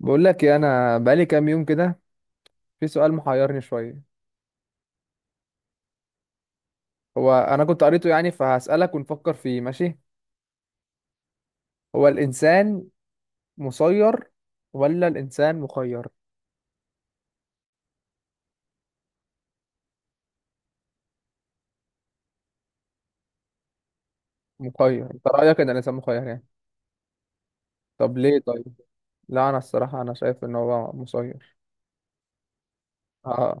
بقول لك إيه، انا بقالي كام يوم كده، في سؤال محيرني شويه. هو انا كنت قريته يعني فهسألك ونفكر فيه. ماشي، هو الانسان مسير ولا الانسان مخير؟ مخير؟ انت رأيك ان الانسان مخير يعني؟ طب ليه طيب؟ لا انا الصراحه انا شايف ان هو مسير. اه.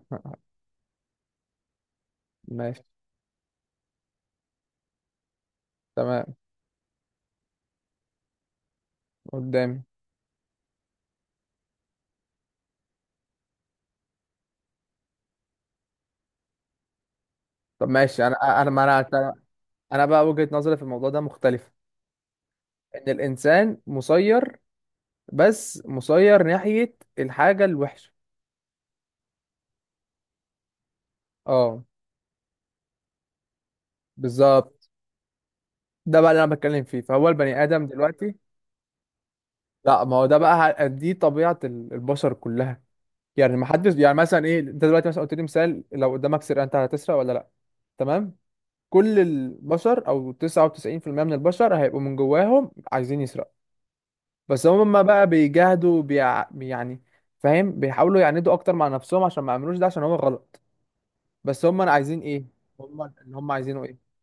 ماشي. تمام. قدامي. طب ماشي، انا انا ما انا انا بقى وجهة نظري في الموضوع ده مختلفه. ان الانسان مسير، بس مسير ناحيه الحاجه الوحشه. اه، بالظبط. ده بقى اللي انا بتكلم فيه، فهو البني ادم دلوقتي. لا ما هو ده بقى دي طبيعه البشر كلها. يعني ما حدش، يعني مثلا ايه، انت دلوقتي مثلا قلت لي مثال، لو قدامك سرقه انت هتسرق ولا لا؟ تمام. كل البشر او 99% من البشر هيبقوا من جواهم عايزين يسرقوا. بس هم بقى بيجاهدوا يعني، فاهم، بيحاولوا يعندوا اكتر مع نفسهم عشان ما يعملوش ده عشان هو غلط. بس هم عايزين ايه؟ هم اللي هم عايزينه ايه؟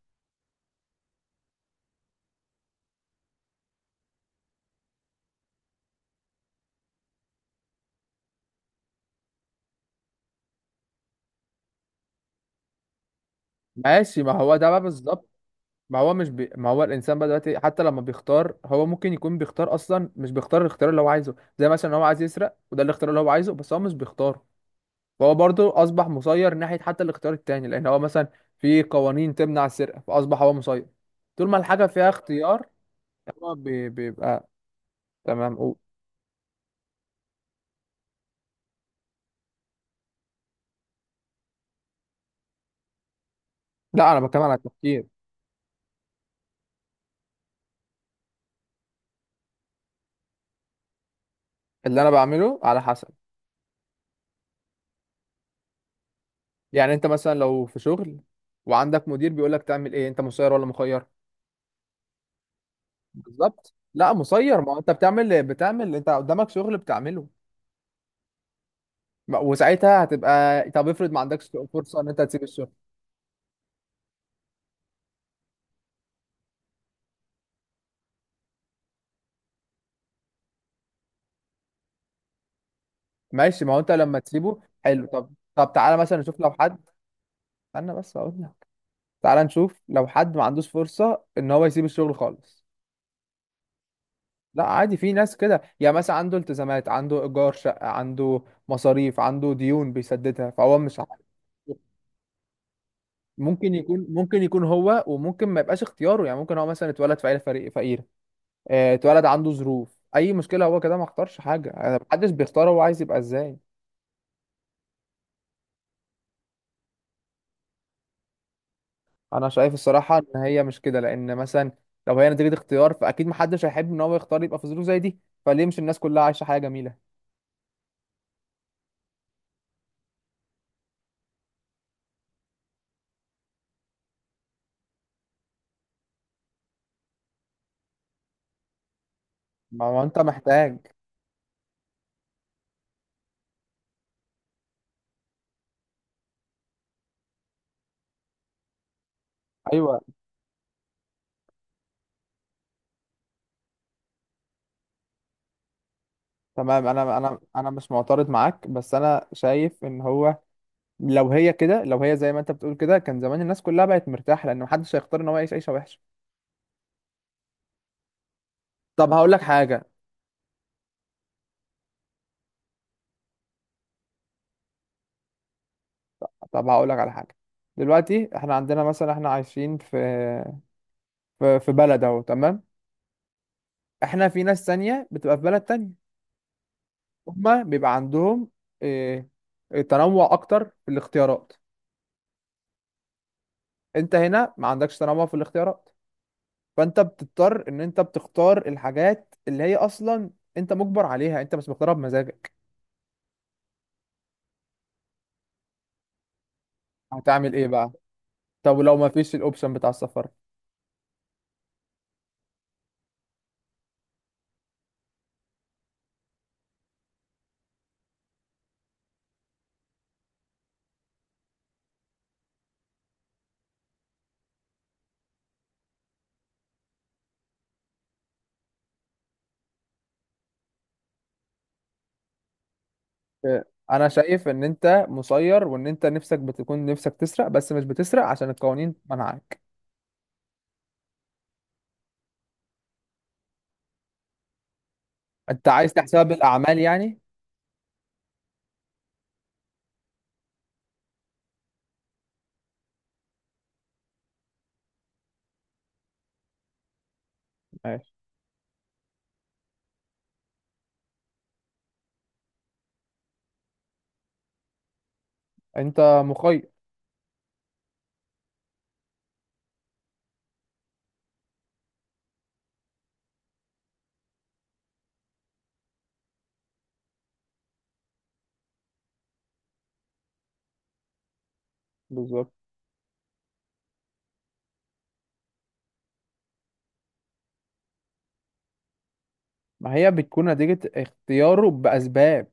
ماشي، ما هو ده بقى بالظبط. ما هو مش بي... ما هو الانسان بقى دلوقتي حتى لما بيختار، هو ممكن يكون بيختار اصلا، مش بيختار الاختيار اللي هو عايزه. زي مثلا هو عايز يسرق وده الاختيار اللي هو عايزه، بس هو مش بيختاره. فهو برضه اصبح مسير ناحيه حتى الاختيار التاني، لان هو مثلا في قوانين تمنع السرقه، فاصبح هو مسير طول ما الحاجه فيها اختيار. بيبقى. تمام، قول. لا انا بتكلم على التفكير. اللي انا بعمله على حسب. يعني انت مثلا لو في شغل وعندك مدير بيقول لك تعمل ايه، انت مسير ولا مخير؟ بالظبط، لا مسير، ما هو انت بتعمل انت قدامك شغل بتعمله. وساعتها هتبقى، طب افرض ما عندكش فرصه ان انت تسيب الشغل؟ ماشي، ما هو انت لما تسيبه حلو. طب طب تعالى مثلا نشوف لو حد، استنى بس اقول لك، تعالى نشوف لو حد ما عندوش فرصه ان هو يسيب الشغل خالص. لا عادي، في ناس كده، يعني مثلا عنده التزامات، عنده ايجار شقه، عنده مصاريف، عنده ديون بيسددها، فهو مش عارف. ممكن يكون، ممكن يكون هو، وممكن ما يبقاش اختياره. يعني ممكن هو مثلا اتولد في عيله فقيره. آه، اتولد عنده ظروف، اي مشكله هو كده ما اختارش حاجه. انا محدش بيختار هو عايز يبقى ازاي. انا شايف الصراحه ان هي مش كده، لان مثلا لو هي نتيجه اختيار، فاكيد محدش هيحب ان هو يختار يبقى في ظروف زي دي. فليه مش الناس كلها عايشه حياه جميله؟ ما هو انت محتاج. ايوه. تمام، انا مش معترض معاك، بس انا شايف ان هو لو هي كده، لو هي زي ما انت بتقول كده، كان زمان الناس كلها بقت مرتاحه، لان محدش هيختار ان هو يعيش عيشه وحشه. طب هقول لك حاجه. طب هقول لك على حاجه. دلوقتي احنا عندنا مثلا، احنا عايشين في في بلد اهو، تمام. احنا في ناس تانية بتبقى في بلد تانية. هما بيبقى عندهم إيه، تنوع اكتر في الاختيارات. انت هنا ما عندكش تنوع في الاختيارات، فانت بتضطر ان انت بتختار الحاجات اللي هي اصلا انت مجبر عليها، انت مش مختارها بمزاجك. هتعمل ايه بقى؟ طب لو ما فيش الاوبشن بتاع السفر؟ إيه، انا شايف ان انت مسير وان انت نفسك بتكون نفسك تسرق، بس مش بتسرق عشان القوانين منعك. انت عايز تحسبها بالاعمال يعني؟ ماشي. انت مخير. بالظبط. ما هي بتكون نتيجة اختياره بأسباب.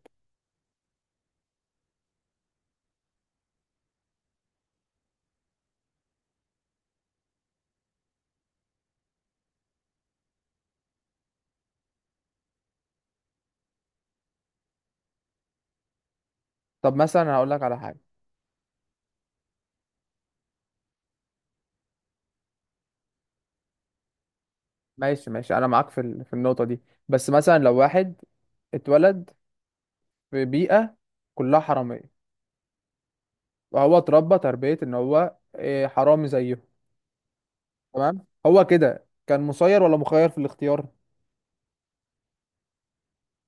طب مثلا هقول لك على حاجة. ماشي ماشي، أنا معاك في في النقطة دي. بس مثلا لو واحد اتولد في بيئة كلها حرامية، وهو اتربى تربية إن هو إيه، حرامي زيهم. تمام. هو كده كان مسير ولا مخير في الاختيار؟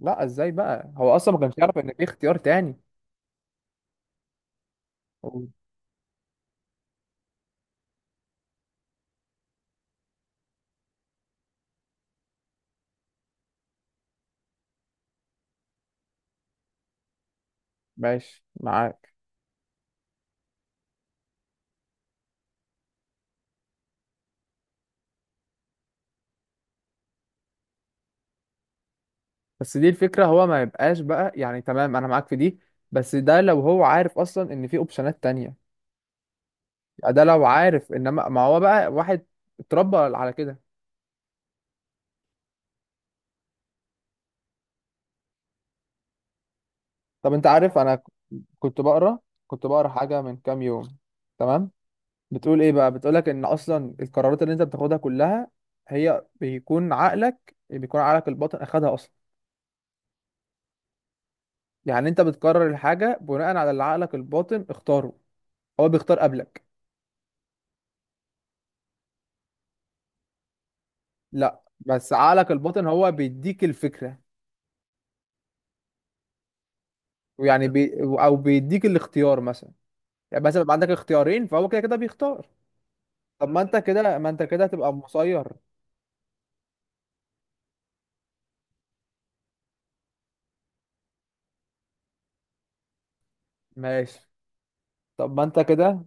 لا، إزاي بقى، هو أصلا ما كانش يعرف إن في اختيار تاني. هو- ماشي معاك. بس دي الفكرة، هو ما يبقاش بقى، يعني تمام أنا معاك في دي، بس ده لو هو عارف أصلا إن في أوبشنات تانية. ده لو عارف، انما ما هو بقى واحد اتربى على كده. طب انت عارف، انا كنت بقرا، كنت بقرا حاجه من كام يوم. تمام. بتقول ايه بقى؟ بتقولك ان اصلا القرارات اللي انت بتاخدها كلها، هي بيكون عقلك الباطن اخدها اصلا. يعني انت بتقرر الحاجه بناء على اللي عقلك الباطن اختاره، هو بيختار قبلك. لا بس عقلك الباطن هو بيديك الفكره، ويعني او بيديك الاختيار مثلا. يعني مثلا بيبقى عندك اختيارين، فهو كده كده بيختار. طب ما انت كده، ما انت كده هتبقى مسير. ماشي. طب ما انت كده.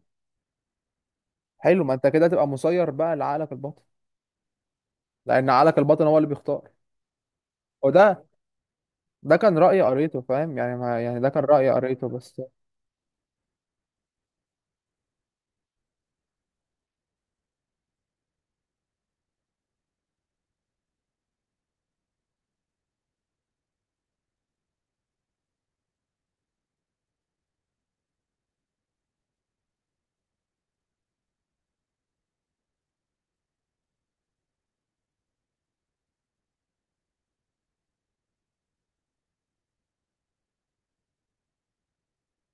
حلو، ما انت كده هتبقى مسير بقى لعقلك الباطن، لان عقلك الباطن هو اللي بيختار. وده، ده كان رأي قريته. فاهم يعني، ما يعني ده كان رأي قريته بس.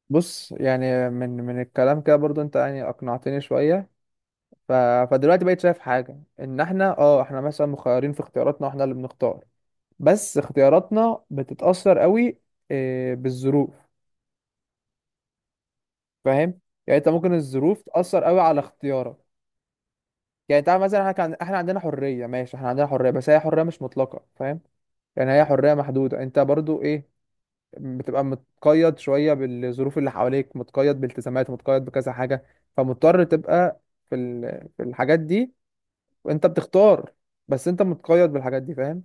بص، يعني من الكلام كده برضو، انت يعني اقنعتني شوية. ف... فدلوقتي بقيت شايف حاجة، ان احنا اه احنا مثلا مخيرين في اختياراتنا واحنا اللي بنختار، بس اختياراتنا بتتأثر قوي، اه، بالظروف. فاهم؟ يعني انت ممكن الظروف تأثر قوي على اختيارك. يعني تعال مثلا احنا كان احنا عندنا حريه. ماشي، احنا عندنا حريه، بس هي حريه مش مطلقه، فاهم؟ يعني هي حريه محدوده، انت برضو ايه، بتبقى متقيد شويه بالظروف اللي حواليك، متقيد بالتزامات، متقيد بكذا حاجه، فمضطر تبقى في الحاجات دي، وانت بتختار، بس انت متقيد بالحاجات دي، فاهم؟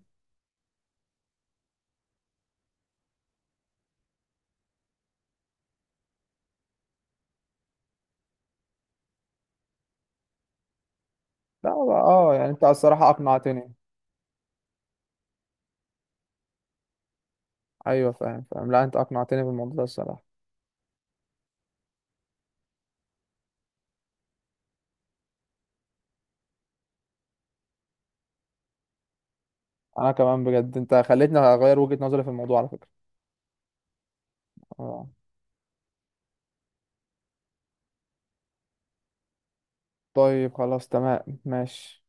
لا اه، يعني انت الصراحه اقنعتني. ايوه، فاهم. لا انت اقنعتني بالموضوع ده الصراحه. انا كمان بجد انت خليتني اغير وجهه نظري في الموضوع على فكره. اه. طيب خلاص، تمام، ماشي.